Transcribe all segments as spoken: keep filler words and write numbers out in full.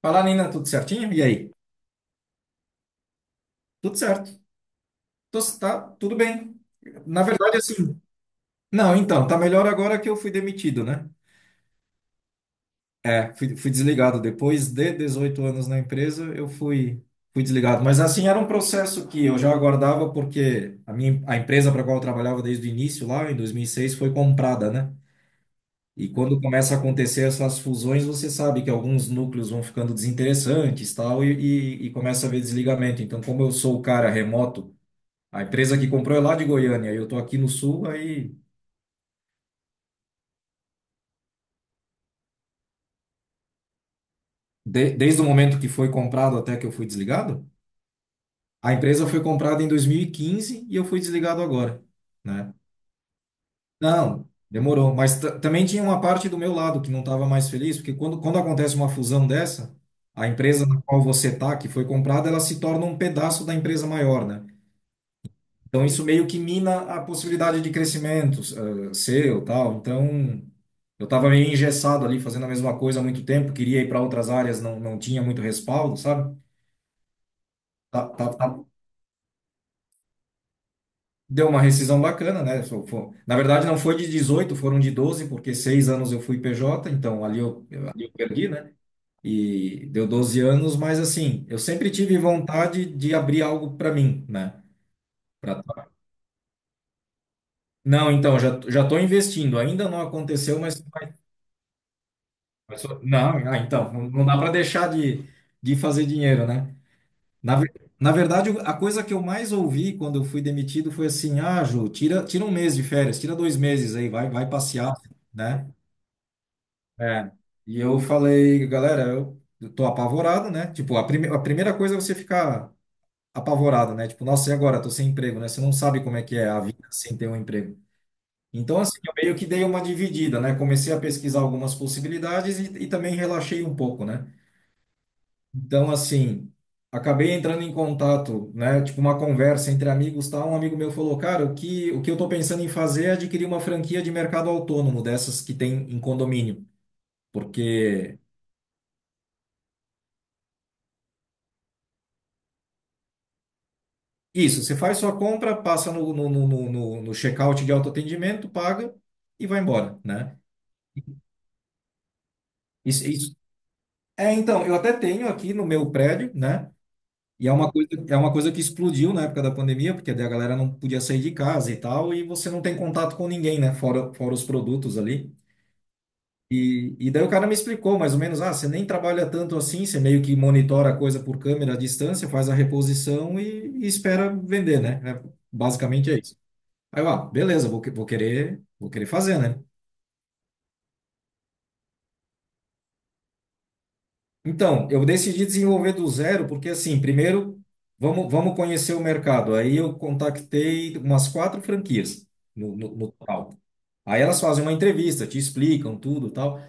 Fala, Nina, tudo certinho? E aí? Tudo certo. Tô, tá tudo bem. Na verdade, assim. Não, então, tá melhor agora que eu fui demitido, né? É, fui, fui desligado. Depois de dezoito anos na empresa, eu fui, fui desligado. Mas, assim, era um processo que eu já aguardava, porque a minha, a empresa para qual eu trabalhava desde o início, lá em dois mil e seis foi comprada, né? E quando começa a acontecer essas fusões, você sabe que alguns núcleos vão ficando desinteressantes, tal, e, e, e começa a haver desligamento. Então, como eu sou o cara remoto. A empresa que comprou é lá de Goiânia, eu estou aqui no sul, aí de- desde o momento que foi comprado até que eu fui desligado, a empresa foi comprada em dois mil e quinze e quinze e eu fui desligado agora, né? Não, demorou, mas ta- também tinha uma parte do meu lado que não estava mais feliz, porque quando, quando acontece uma fusão dessa, a empresa na qual você está, que foi comprada, ela se torna um pedaço da empresa maior, né? Então, isso meio que mina a possibilidade de crescimento, eh, seu, tal. Então, eu estava meio engessado ali, fazendo a mesma coisa há muito tempo, queria ir para outras áreas, não, não tinha muito respaldo, sabe? Tá- tá- tá- Deu uma rescisão bacana, né? Fo- fo- Na verdade, não foi de dezoito, foram de doze, porque seis anos eu fui P J, então ali eu, eu- ali eu perdi, né? E deu doze anos, mas assim, eu sempre tive vontade de abrir algo para mim, né? Pra- Não, então, já, já estou investindo, ainda não aconteceu, mas Começou- Não, ah, então, não não dá para deixar de, de fazer dinheiro, né? Na, ver- na verdade, a coisa que eu mais ouvi quando eu fui demitido foi assim: ah, Ju, tira, tira um mês de férias, tira dois meses aí, vai, vai passear, né? É. E eu falei, galera, eu eu tô apavorado, né? Tipo, a, prime, a primeira coisa é você ficar apavorado, né? Tipo, nossa, e agora? Tô sem emprego, né? Você não sabe como é que é a vida sem ter um emprego. Então, assim, eu meio que dei uma dividida, né? Comecei a pesquisar algumas possibilidades e, e também relaxei um pouco, né? Então, assim, acabei entrando em contato, né? Tipo, uma conversa entre amigos, tal. Um amigo meu falou, cara, o que, o que eu tô pensando em fazer é adquirir uma franquia de mercado autônomo, dessas que tem em condomínio. Porque isso, você faz sua compra, passa no, no, no, no, no no check-out de autoatendimento, paga e vai embora, né? Isso, isso. É, então, eu até tenho aqui no meu prédio, né? E é uma coisa, é uma coisa que explodiu na época da pandemia, porque daí a galera não podia sair de casa e tal, e você não tem contato com ninguém, né? Fora, fora os produtos ali. E, e daí o cara me explicou mais ou menos, ah, você nem trabalha tanto assim, você meio que monitora a coisa por câmera à distância, faz a reposição e, e espera vender, né? É, basicamente é isso. Aí eu, ah, beleza, vou, que- vou querer, vou querer fazer, né? Então, eu decidi desenvolver do zero, porque assim, primeiro, vamos, vamos conhecer o mercado. Aí eu contatei umas quatro franquias no, no, no total. Aí elas fazem uma entrevista, te explicam tudo, e tal.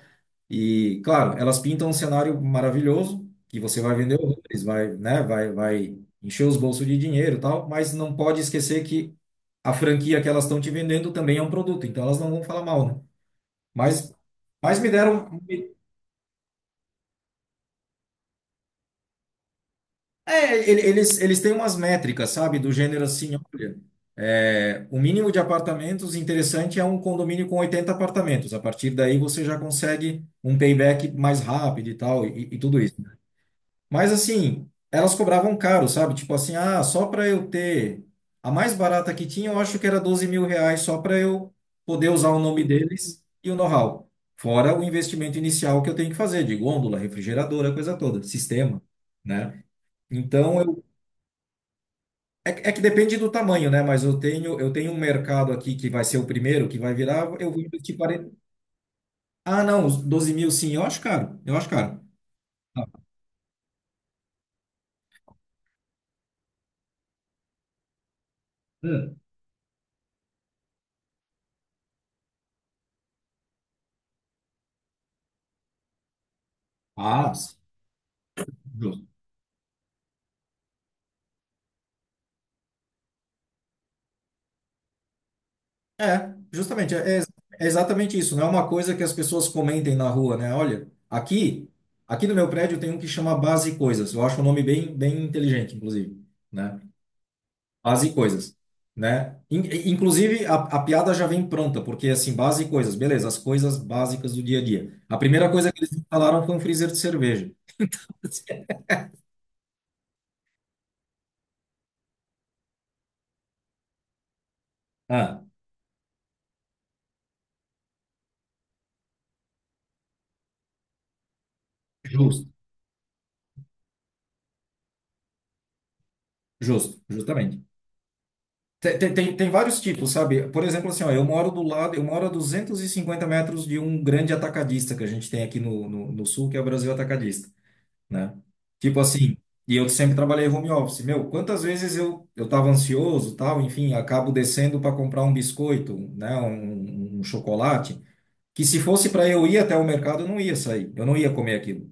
E, claro, elas pintam um cenário maravilhoso, que você vai vender horrores, vai, né, vai, vai encher os bolsos de dinheiro, e tal, mas não pode esquecer que a franquia que elas estão te vendendo também é um produto, então elas não vão falar mal, né? Mas, mas me deram um. É, ele- eles, eles têm umas métricas, sabe? Do gênero assim, olha, é, o mínimo de apartamentos interessante é um condomínio com oitenta apartamentos. A partir daí você já consegue um payback mais rápido e tal, e, e tudo isso. Mas assim, elas cobravam caro, sabe? Tipo assim, ah, só para eu ter a mais barata que tinha, eu acho que era doze mil reais só para eu poder usar o nome deles e o know-how. Fora o investimento inicial que eu tenho que fazer, de gôndola, refrigeradora, coisa toda, sistema, né? Então, é, que é que depende do tamanho, né? Mas eu tenho, eu tenho um mercado aqui que vai ser o primeiro, que vai virar, eu vou investir quarenta. Ah, não, os doze mil sim, eu acho caro. Eu acho caro. Ah, hum. Ah, sim, justo. É, justamente, é, é ex- é exatamente isso. Não é uma coisa que as pessoas comentem na rua, né? Olha, aqui, aqui no meu prédio tem um que chama Base Coisas. Eu acho um nome bem, bem inteligente, inclusive, né? Base e coisas, né? In- Inclusive, a, a piada já vem pronta, porque assim, base e coisas, beleza, as coisas básicas do dia a dia. A primeira coisa que eles instalaram foi um freezer de cerveja. Ah, justo, justo, justamente. Te- te- Tem, tem, vários tipos, sabe? Por exemplo, assim, ó, eu moro do lado, eu moro a duzentos e cinquenta metros de um grande atacadista que a gente tem aqui no, no, no sul, que é o Brasil Atacadista. Né? Tipo assim, e eu sempre trabalhei home office. Meu, quantas vezes eu eu tava ansioso, tal, enfim, acabo descendo para comprar um biscoito, né, um, um chocolate, que se fosse para eu ir até o mercado, eu não ia sair, eu não ia comer aquilo.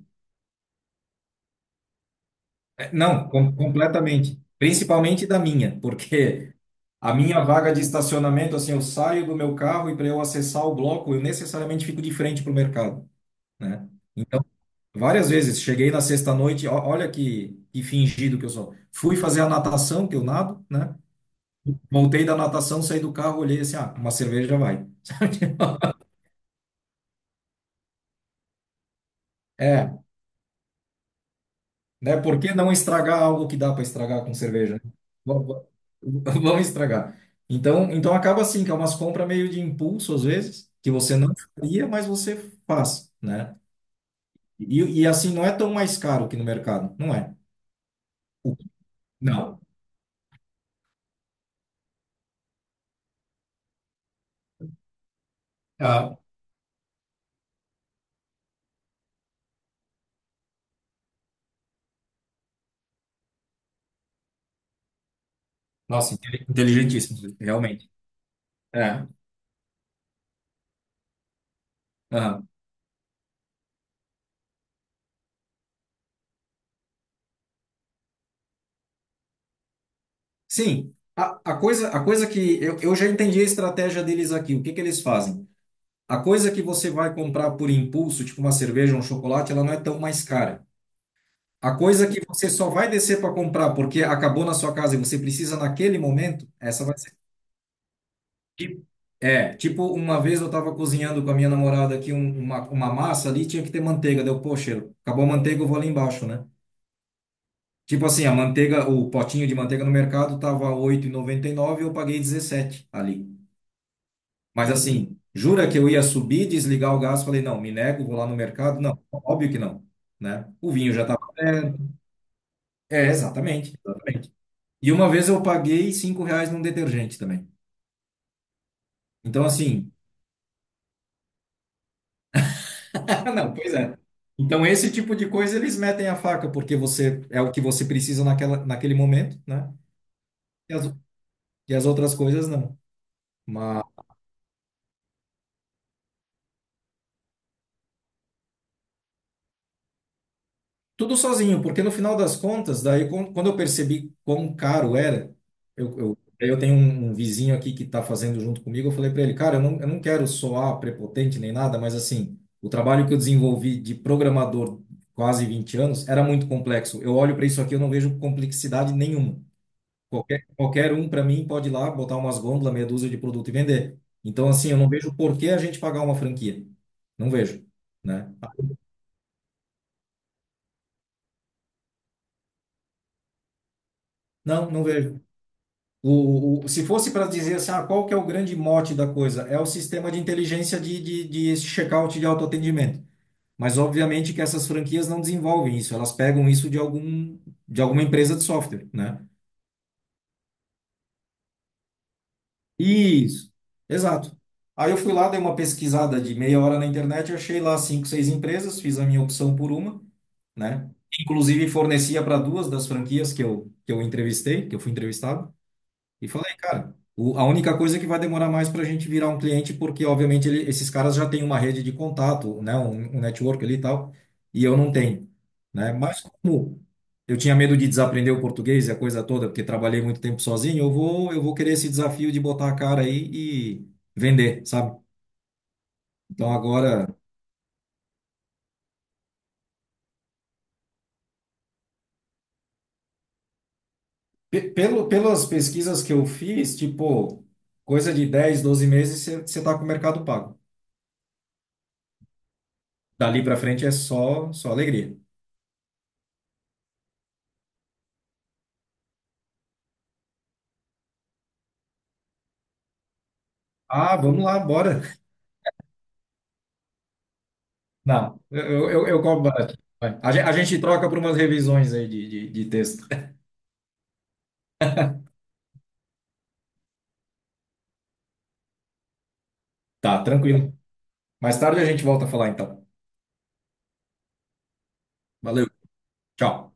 É, não, com- completamente. Principalmente da minha, porque a minha vaga de estacionamento, assim, eu saio do meu carro e para eu acessar o bloco, eu necessariamente fico de frente para o mercado, né? Então, várias vezes. Cheguei na sexta-noite, ó- olha que, que fingido que eu sou. Fui fazer a natação, que eu nado, né? Voltei da natação, saí do carro, olhei assim, ah, uma cerveja já vai. É, né? Por que não estragar algo que dá para estragar com cerveja? Né? Va- va- Vamos estragar. Então, então acaba assim, que é umas compras meio de impulso, às vezes, que você não faria, mas você faz, né? E, e assim, não é tão mais caro que no mercado, não é? Não. Ah, nossa, inte- inteligentíssimo, realmente. É. Aham. Sim, a, a coisa, a coisa que eu, eu já entendi a estratégia deles aqui. O que que eles fazem? A coisa que você vai comprar por impulso, tipo uma cerveja, um chocolate, ela não é tão mais cara. A coisa que você só vai descer para comprar porque acabou na sua casa e você precisa naquele momento, essa vai ser. Tipo- É, tipo, uma vez eu estava cozinhando com a minha namorada aqui um- uma, uma massa ali, tinha que ter manteiga. Deu, poxa, acabou a manteiga, eu vou ali embaixo, né? Tipo assim, a manteiga, o potinho de manteiga no mercado tava oito e noventa e nove eu paguei dezessete ali. Mas assim, jura que eu ia subir, desligar o gás? Falei, não, me nego, vou lá no mercado? Não, óbvio que não, né? O vinho já estava velho. É, exatamente. E uma vez eu paguei cinco reais num detergente também. Então, assim, não, pois é. Então, esse tipo de coisa eles metem a faca, porque você é o que você precisa naquela, naquele momento, né? E as, e as outras coisas não. Mas tudo sozinho, porque no final das contas, daí quan- quando eu percebi quão caro era, eu, eu, daí eu tenho um, um vizinho aqui que está fazendo junto comigo, eu falei para ele, cara, eu não, eu não quero soar prepotente nem nada, mas assim, o trabalho que eu desenvolvi de programador quase vinte anos era muito complexo. Eu olho para isso aqui, eu não vejo complexidade nenhuma. Qualquer, qualquer um, para mim, pode ir lá, botar umas gôndolas, meia dúzia de produto e vender. Então, assim, eu não vejo por que a gente pagar uma franquia. Não vejo, né? Ah, não, não vejo. O, o- se fosse para dizer assim, ah, qual que é o grande mote da coisa? É o sistema de inteligência de, de, de checkout de autoatendimento. Mas obviamente que essas franquias não desenvolvem isso, elas pegam isso de algum de alguma empresa de software, né? Isso, exato. Aí eu fui lá, dei uma pesquisada de meia hora na internet, achei lá cinco, seis empresas, fiz a minha opção por uma, né? Inclusive fornecia para duas das franquias que eu, que eu entrevistei, que eu fui entrevistado. E falei, cara, o- a única coisa que vai demorar mais para a gente virar um cliente, porque obviamente ele- esses caras já têm uma rede de contato, né, um, um network ali e tal, e eu não tenho, né? Mas como eu tinha medo de desaprender o português e a coisa toda, porque trabalhei muito tempo sozinho, eu vou, eu vou querer esse desafio de botar a cara aí e vender, sabe? Então agora, pe- pelo, pelas pesquisas que eu fiz, tipo, coisa de dez, doze meses, você você tá com o mercado pago. Dali para frente é só, só alegria. Ah, vamos lá, bora. Não, eu, eu, eu combato. Vai. A, gen- a gente troca por umas revisões aí de, de de texto. Tá, tranquilo. Mais tarde a gente volta a falar então. Valeu, tchau.